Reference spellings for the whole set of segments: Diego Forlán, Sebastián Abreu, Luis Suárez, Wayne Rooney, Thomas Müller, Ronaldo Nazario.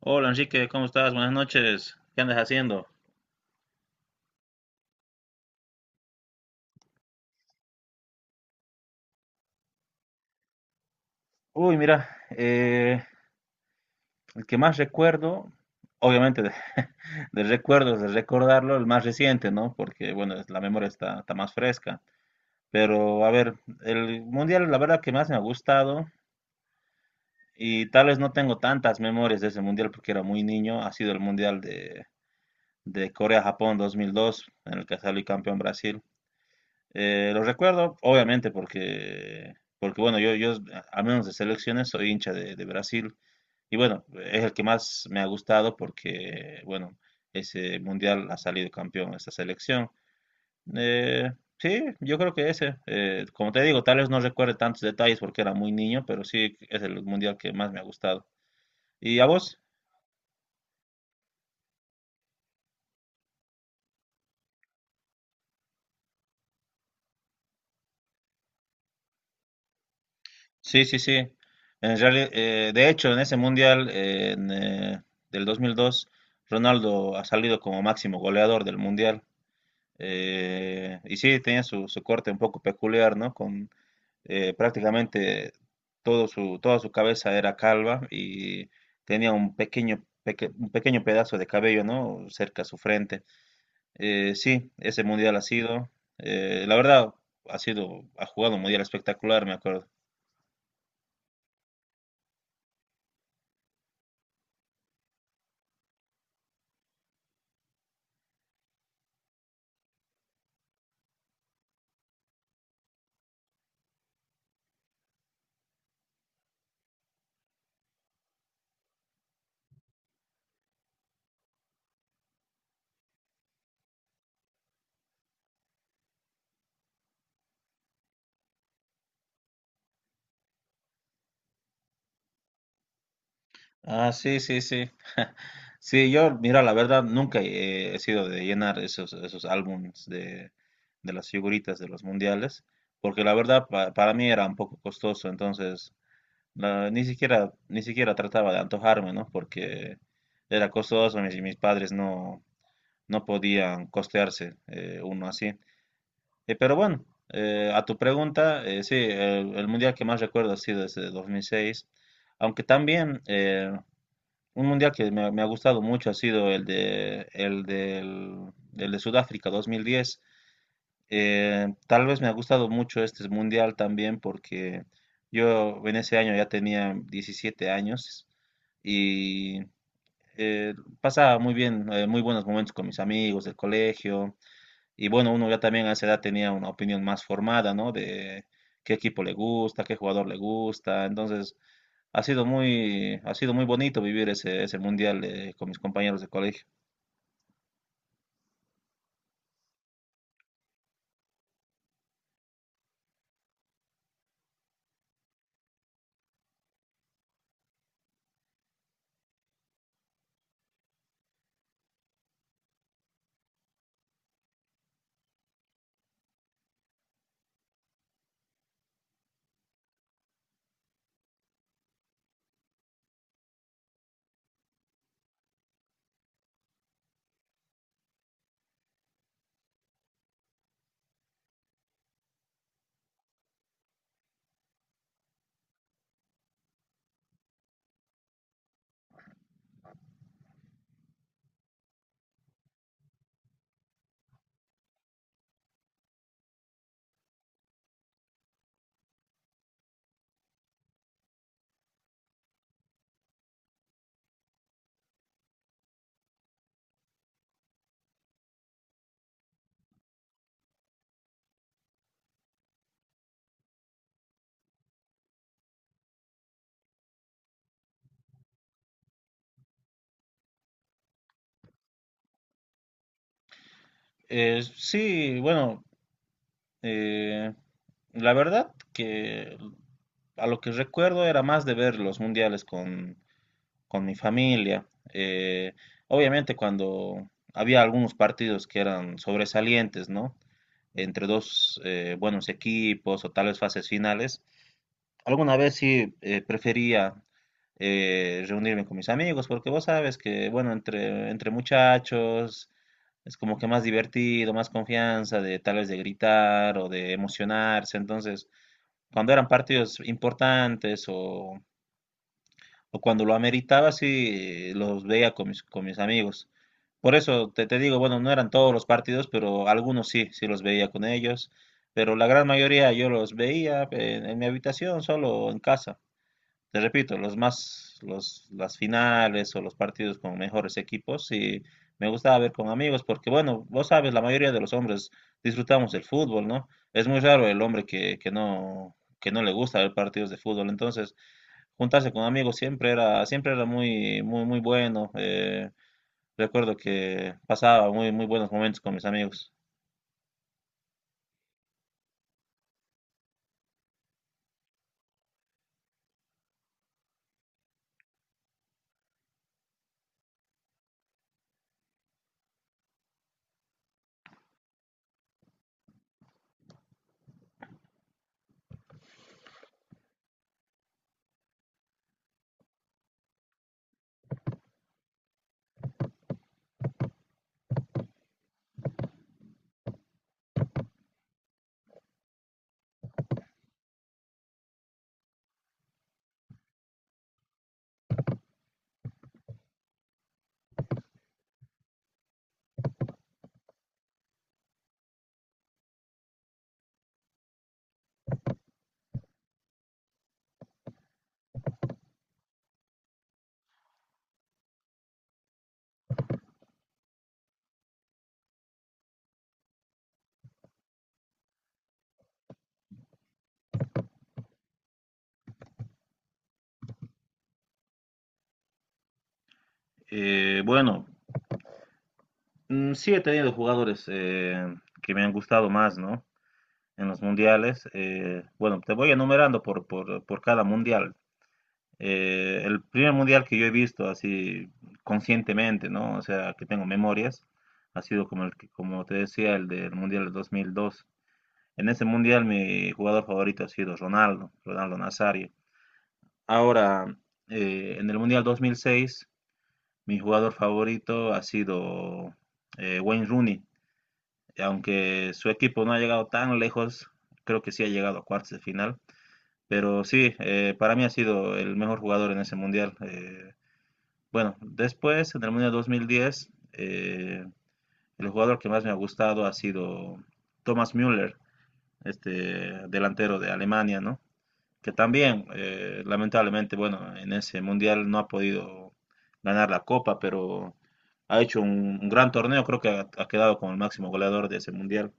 Hola Enrique, ¿cómo estás? Buenas noches. ¿Qué andas haciendo? Uy, mira, el que más recuerdo, obviamente de, de recuerdos, de recordarlo, el más reciente, ¿no? Porque, bueno, la memoria está más fresca. Pero, a ver, el mundial, la verdad que más me ha gustado, y tal vez no tengo tantas memorias de ese mundial porque era muy niño, ha sido el mundial de, Corea-Japón 2002, en el que salió campeón Brasil. Lo recuerdo, obviamente, porque, bueno, a menos de selecciones, soy hincha de Brasil. Y bueno, es el que más me ha gustado porque, bueno, ese mundial ha salido campeón esta selección. Eh, sí, yo creo que ese. Como te digo, tal vez no recuerde tantos detalles porque era muy niño, pero sí es el mundial que más me ha gustado. ¿Y a vos? Sí, sí, sí. De hecho, en ese mundial del 2002, Ronaldo ha salido como máximo goleador del mundial. Y sí, tenía su corte un poco peculiar, ¿no? Con prácticamente toda su cabeza era calva y tenía un pequeño pedazo de cabello, ¿no? Cerca a su frente. Sí, ese mundial la verdad, ha jugado un mundial espectacular, me acuerdo. Ah, sí, sí, sí. Sí, yo, mira, la verdad, nunca he sido de llenar esos álbumes de las figuritas de los mundiales, porque la verdad para mí era un poco costoso, entonces ni siquiera trataba de antojarme, ¿no? Porque era costoso, mis padres no podían costearse uno así. Pero bueno, a tu pregunta, sí, el mundial que más recuerdo ha sido desde 2006, aunque también, un mundial que me ha gustado mucho ha sido el de Sudáfrica 2010. Tal vez me ha gustado mucho este mundial también porque yo en ese año ya tenía 17 años y eh, pasaba muy bien, muy buenos momentos con mis amigos del colegio. Y bueno, uno ya también a esa edad tenía una opinión más formada, ¿no? De qué equipo le gusta, qué jugador le gusta. Entonces, ha sido muy bonito vivir ese mundial con mis compañeros de colegio. Sí, bueno, eh, la verdad que a lo que recuerdo era más de ver los mundiales con, mi familia. Eh, Obviamente cuando había algunos partidos que eran sobresalientes, ¿no? Entre dos buenos equipos o tal vez fases finales. Alguna vez sí prefería reunirme con mis amigos, porque vos sabes que, bueno, entre muchachos es como que más divertido, más confianza de tal vez de gritar o de emocionarse. Entonces, cuando eran partidos importantes o cuando lo ameritaba, sí los veía con mis amigos. Por eso te digo, bueno, no eran todos los partidos, pero algunos sí, sí los veía con ellos. Pero la gran mayoría yo los veía en mi habitación, solo en casa. Te repito, las finales o los partidos con mejores equipos, y me gustaba ver con amigos, porque bueno, vos sabes, la mayoría de los hombres disfrutamos del fútbol, ¿no? Es muy raro el hombre que no le gusta ver partidos de fútbol. Entonces, juntarse con amigos siempre era muy, muy, muy bueno. Recuerdo que pasaba muy, muy buenos momentos con mis amigos. Bueno, mm, sí he tenido jugadores que me han gustado más, ¿no? En los mundiales. Bueno, te voy enumerando por cada mundial. El primer mundial que yo he visto así conscientemente, ¿no? O sea, que tengo memorias, ha sido como como te decía, el del mundial del 2002. En ese mundial mi jugador favorito ha sido Ronaldo, Ronaldo Nazario. Ahora, en el mundial 2006, mi jugador favorito ha sido Wayne Rooney. Aunque su equipo no ha llegado tan lejos, creo que sí ha llegado a cuartos de final. Pero sí, para mí ha sido el mejor jugador en ese mundial. Bueno, después, en el Mundial 2010, el jugador que más me ha gustado ha sido Thomas Müller, este delantero de Alemania, ¿no? Que también, lamentablemente, bueno, en ese mundial no ha podido ganar la copa, pero ha hecho un gran torneo, creo que ha quedado como el máximo goleador de ese mundial.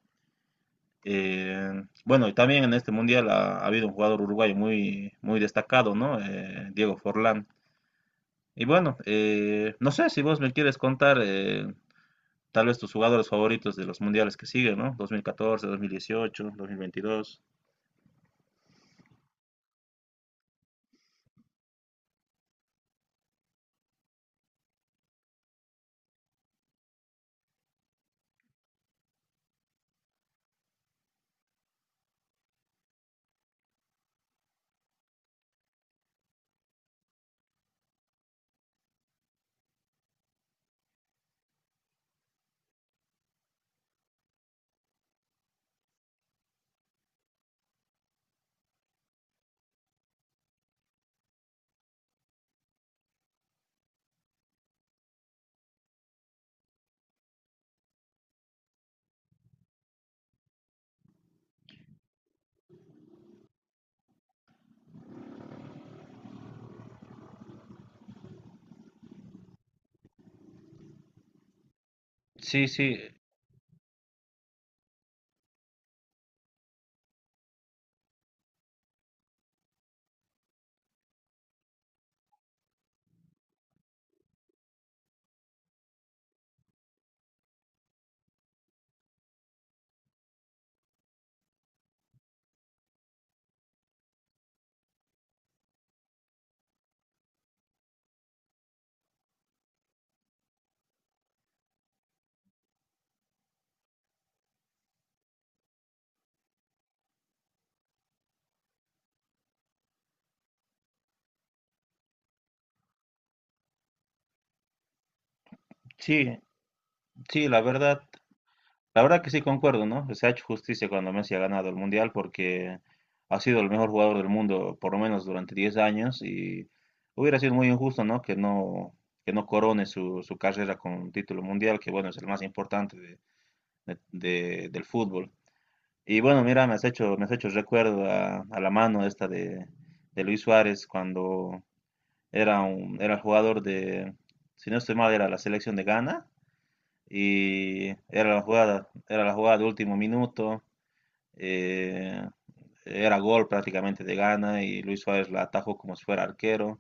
Eh, bueno, y también en este mundial ha habido un jugador uruguayo muy, muy destacado, ¿no? Diego Forlán. Y bueno, no sé si vos me quieres contar tal vez tus jugadores favoritos de los mundiales que siguen, ¿no? 2014, 2018, 2022. Sí, sí, sí, sí, la verdad. La verdad que sí concuerdo, ¿no? Se ha hecho justicia cuando Messi ha ganado el Mundial porque ha sido el mejor jugador del mundo por lo menos durante 10 años y hubiera sido muy injusto, ¿no? Que no corone su carrera con un título mundial, que bueno, es el más importante del fútbol. Y bueno, mira, me has hecho recuerdo a la mano esta de, Luis Suárez cuando era jugador si no estoy mal, era la selección de Ghana y era la jugada de último minuto, eh, era gol prácticamente de Ghana y Luis Suárez la atajó como si fuera arquero.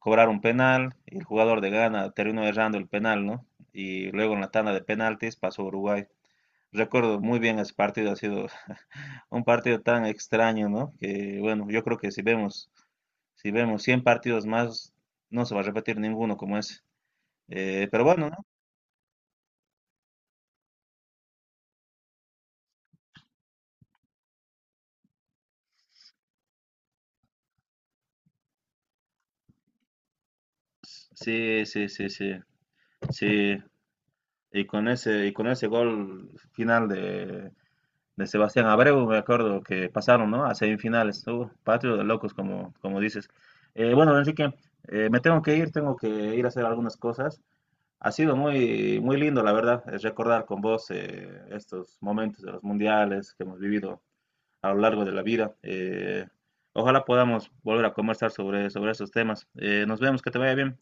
Cobraron un penal y el jugador de Ghana terminó errando el penal, ¿no? Y luego en la tanda de penaltis pasó Uruguay. Recuerdo muy bien ese partido, ha sido un partido tan extraño, ¿no? Que bueno, yo creo que si vemos 100 partidos más, no se va a repetir ninguno como ese. Pero bueno, ¿no? Sí, sí, sí, sí. Sí, y con ese gol final de, Sebastián Abreu, me acuerdo que pasaron, ¿no? A semifinales. Patrio de locos, como dices. Bueno, Enrique, me tengo que ir a hacer algunas cosas. Ha sido muy, muy lindo, la verdad, es recordar con vos estos momentos de los mundiales que hemos vivido a lo largo de la vida. Ojalá podamos volver a conversar sobre esos temas. Nos vemos, que te vaya bien.